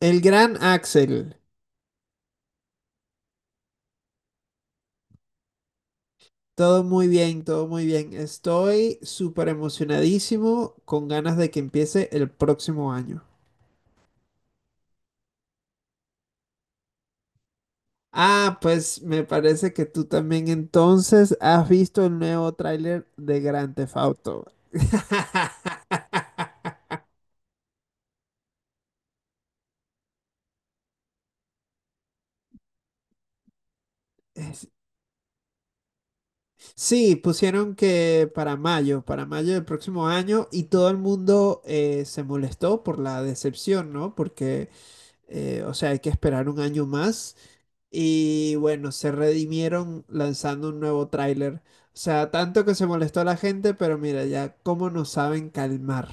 El gran Axel, todo muy bien, todo muy bien. Estoy súper emocionadísimo con ganas de que empiece el próximo año. Ah, pues me parece que tú también entonces has visto el nuevo tráiler de Grand Theft Auto. Sí, pusieron que para mayo del próximo año y todo el mundo se molestó por la decepción, ¿no? Porque, o sea, hay que esperar un año más. Y bueno, se redimieron lanzando un nuevo tráiler. O sea, tanto que se molestó la gente, pero mira ya cómo nos saben calmar.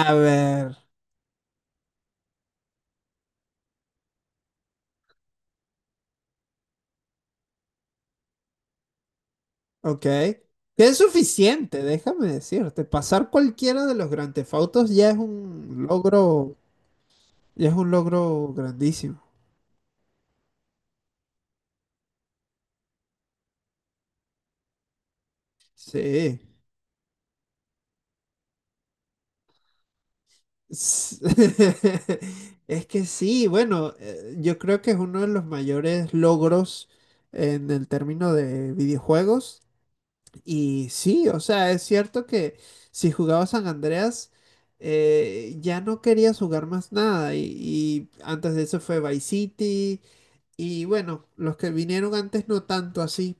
A ver, ok. Que es suficiente, déjame decirte. Pasar cualquiera de los Grand Theft Autos ya es un logro, ya es un logro grandísimo. Sí. S- Es que sí, bueno, yo creo que es uno de los mayores logros en el término de videojuegos. Y sí, o sea, es cierto que si jugaba San Andreas, ya no querías jugar más nada. Y antes de eso fue Vice City. Y bueno, los que vinieron antes no tanto así.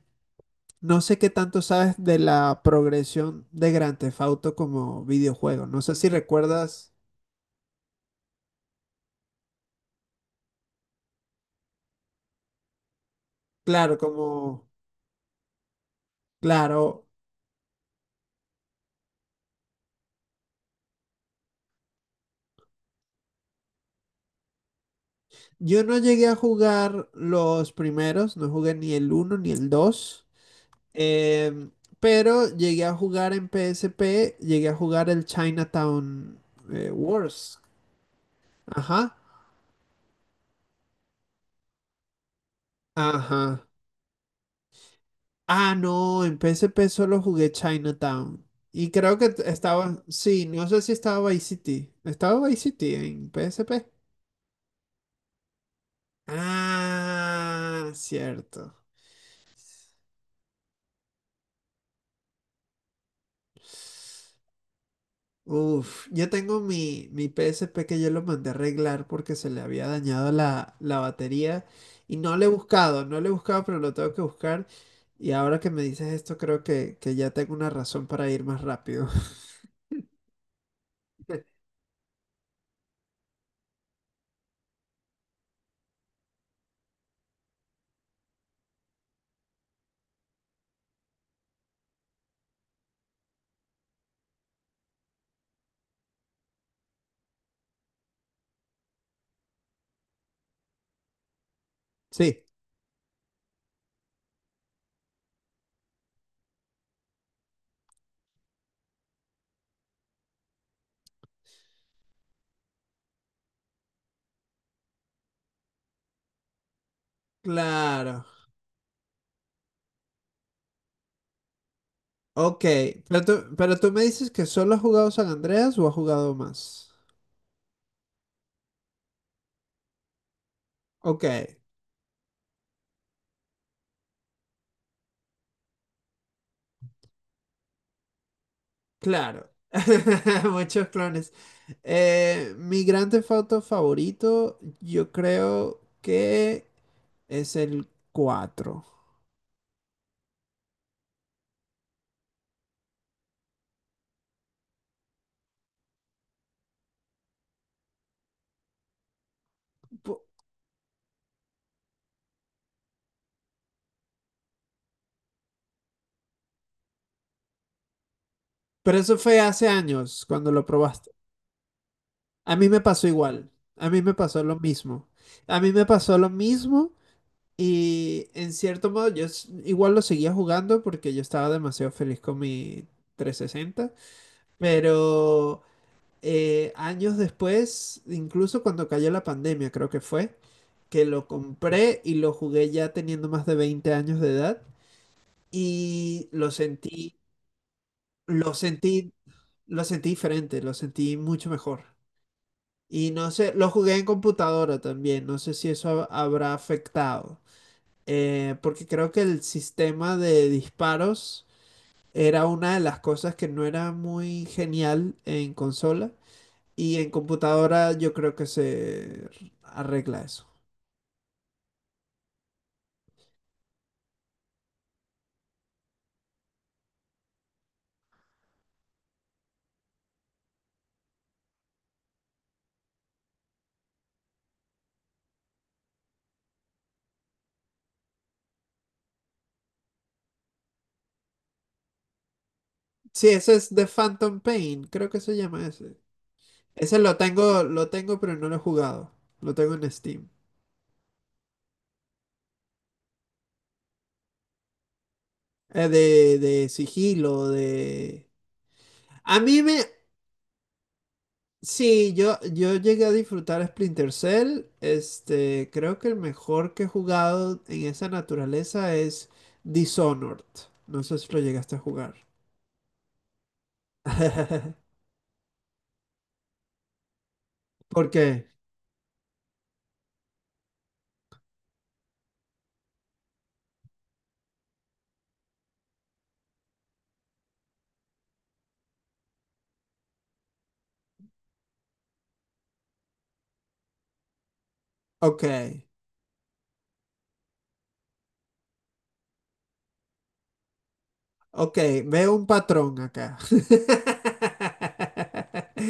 No sé qué tanto sabes de la progresión de Grand Theft Auto como videojuego. No sé si recuerdas, claro, como, claro, yo no llegué a jugar los primeros, no jugué ni el uno ni el dos. Eh, pero llegué a jugar en PSP, llegué a jugar el Chinatown Wars. Ajá, ajá. Ah, no, en PSP solo jugué Chinatown. Y creo que estaba, sí, no sé si estaba Vice City. ¿Estaba Vice City en PSP? Ah, cierto. Uf, yo tengo mi, P S P que yo lo mandé a arreglar porque se le había dañado la, batería y no le he buscado, no le he buscado, pero lo tengo que buscar. Y ahora que me dices esto, creo que, ya tengo una razón para ir más rápido. Sí, claro. Ok, pero tú, me dices que solo has jugado San Andreas o has jugado más. Ok, claro. Muchos clones. Mi gran Theft Auto favorito, yo creo que es el cuatro. Po- Pero eso fue hace años cuando lo probaste. A mí me pasó igual. A mí me pasó lo mismo. A mí me pasó lo mismo y en cierto modo yo igual lo seguía jugando porque yo estaba demasiado feliz con mi 360. Pero años después, incluso cuando cayó la pandemia, creo que fue, que lo compré y lo jugué ya teniendo más de 20 años de edad y lo sentí, lo sentí. Lo sentí diferente, lo sentí mucho mejor. Y no sé, lo jugué en computadora también, no sé si eso habrá afectado. Porque creo que el sistema de disparos era una de las cosas que no era muy genial en consola. Y en computadora yo creo que se arregla eso. Sí, ese es The Phantom Pain, creo que se llama ese. Ese lo tengo, pero no lo he jugado. Lo tengo en Steam. De sigilo. A mí me, sí, yo, llegué a disfrutar Splinter Cell. Este, creo que el mejor que he jugado en esa naturaleza es Dishonored. No sé si lo llegaste a jugar. ¿Por qué? Ok, ok, veo un patrón acá.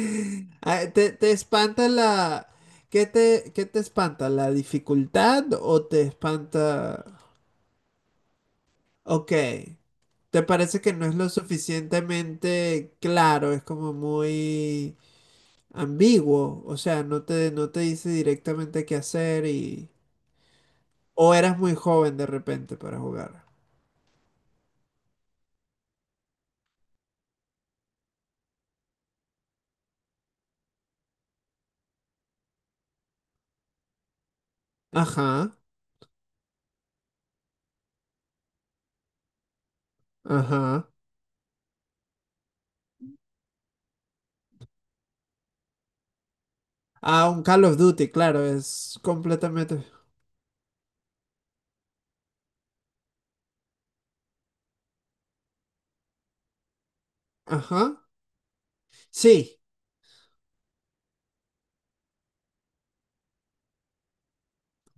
Ah, ¿te, espanta la... ¿Qué te, espanta? ¿La dificultad o te espanta... Ok. ¿Te parece que no es lo suficientemente claro? Es como muy ambiguo, o sea, no te, dice directamente qué hacer y... O eras muy joven de repente para jugar. Ajá, ajá. Ah, un Call of Duty, claro, es completamente... Ajá. Sí.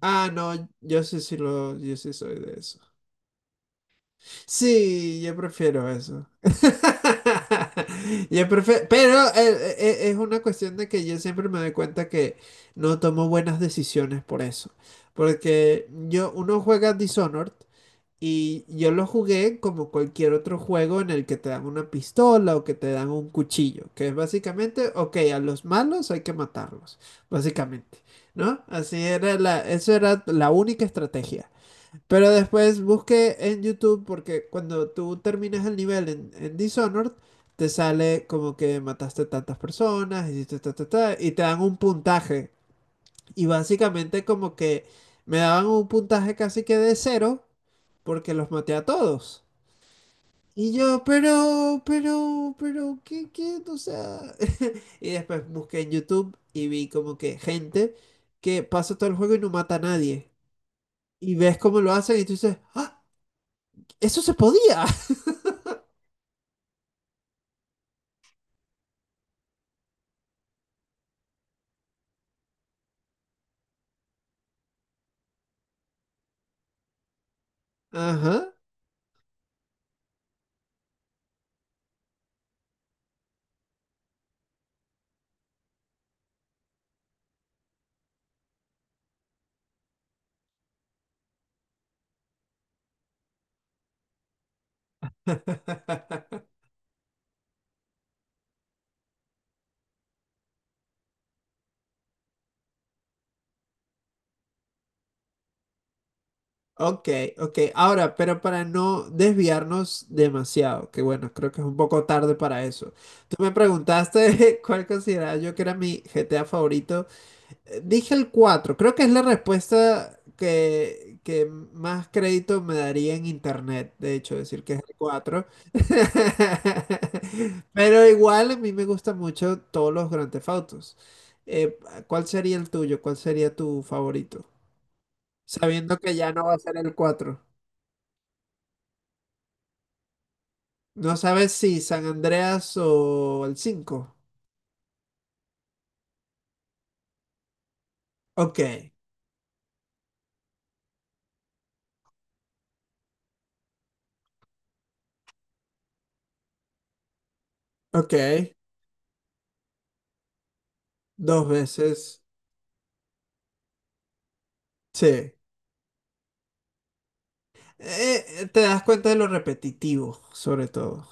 Ah, no, yo sí, sí lo, yo sí soy de eso. Sí, yo prefiero eso. Yo prefiero, pero es una cuestión de que yo siempre me doy cuenta que no tomo buenas decisiones por eso. Porque yo, uno juega Dishonored y yo lo jugué como cualquier otro juego en el que te dan una pistola o que te dan un cuchillo, que es básicamente, ok, a los malos hay que matarlos, básicamente, ¿no? Así era eso era la única estrategia. Pero después busqué en YouTube porque cuando tú terminas el nivel en, Dishonored, te sale como que mataste tantas personas, hiciste ta, ta, ta, y te dan un puntaje. Y básicamente como que me daban un puntaje casi que de cero porque los maté a todos. Y yo, pero, ¿qué, qué? O sea... Y después busqué en YouTube y vi como que gente que pasa todo el juego y no mata a nadie. Y ves cómo lo hacen y tú dices, ¡ah! Eso se podía. Ajá. Ok, ok. Ahora, pero para no desviarnos demasiado, que bueno, creo que es un poco tarde para eso. Tú me preguntaste cuál consideraba yo que era mi GTA favorito. Dije el cuatro, creo que es la respuesta que, más crédito me daría en internet, de hecho, decir que es el cuatro. Pero igual a mí me gustan mucho todos los Grand Theft Autos. Eh, ¿Cuál sería el tuyo? ¿Cuál sería tu favorito? Sabiendo que ya no va a ser el cuatro. No sabes si San Andreas o el cinco. Ok, ok, dos veces, sí. Te das cuenta de lo repetitivo, sobre todo.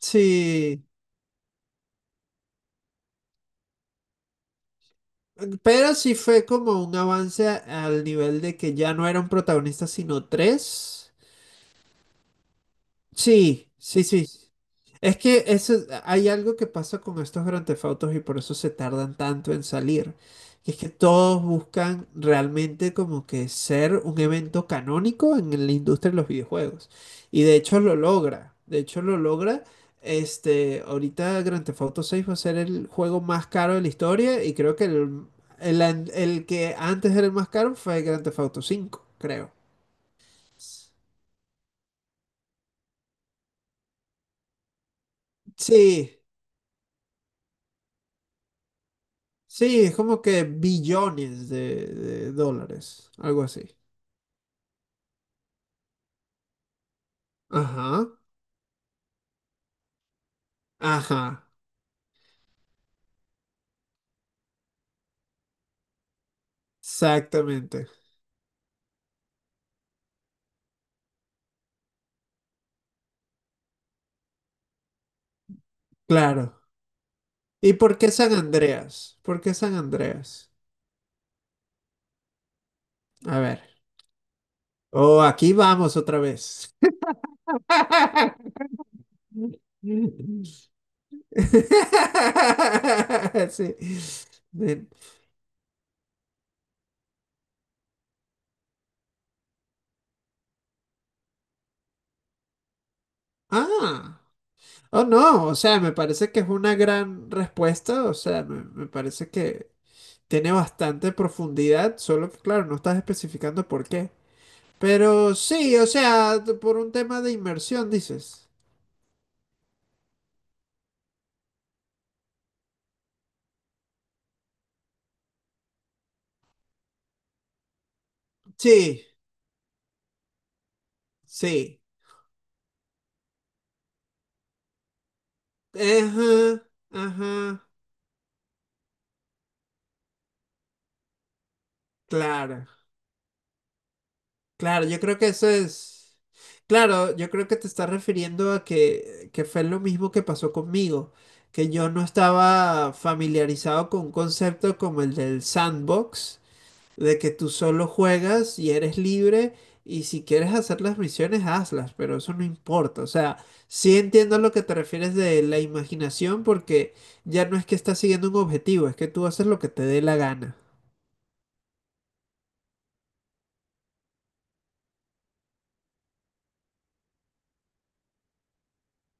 Sí, pero sí fue como un avance al nivel de que ya no era un protagonista, sino tres. Sí, sí, sí. Es que eso, hay algo que pasa con estos Grand Theft Autos y por eso se tardan tanto en salir. Que es que todos buscan realmente como que ser un evento canónico en la industria de los videojuegos. Y de hecho lo logra. De hecho lo logra. Este, ahorita Grand Theft Auto 6 va a ser el juego más caro de la historia y creo que el que antes era el más caro fue Grand Theft Auto 5, creo. Sí, sí, es como que billones de, dólares, algo así. Ajá, ajá, exactamente, claro. ¿Y por qué San Andreas? ¿Por qué San Andreas? A ver. Oh, aquí vamos otra vez. Sí. Ven. Ah, oh no, o sea, me parece que es una gran respuesta, o sea, me, parece que tiene bastante profundidad, solo que claro, no estás especificando por qué. Pero sí, o sea, por un tema de inmersión, dices. Sí, sí. Ajá, ajá. Claro, claro, yo creo que eso es. Claro, yo creo que te estás refiriendo a que, fue lo mismo que pasó conmigo, que yo no estaba familiarizado con un concepto como el del sandbox, de que tú solo juegas y eres libre y si quieres hacer las misiones, hazlas, pero eso no importa. O sea, sí entiendo a lo que te refieres de la imaginación porque ya no es que estás siguiendo un objetivo, es que tú haces lo que te dé la gana.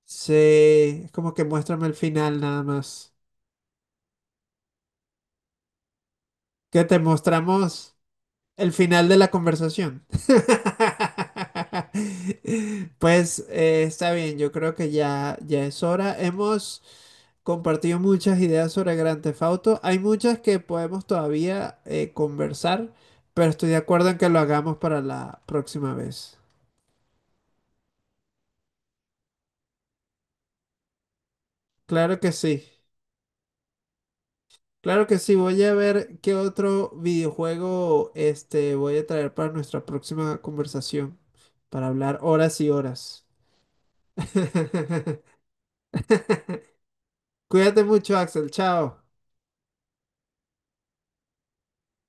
Sí, es como que muéstrame el final nada más. Qué te mostramos el final de la conversación. Pues está bien, yo creo que ya, ya es hora. Hemos compartido muchas ideas sobre Grand Theft Auto. Hay muchas que podemos todavía conversar, pero estoy de acuerdo en que lo hagamos para la próxima vez. Claro que sí. Claro que sí. Voy a ver qué otro videojuego este, voy a traer para nuestra próxima conversación, para hablar horas y horas. Cuídate mucho, Axel. Chao.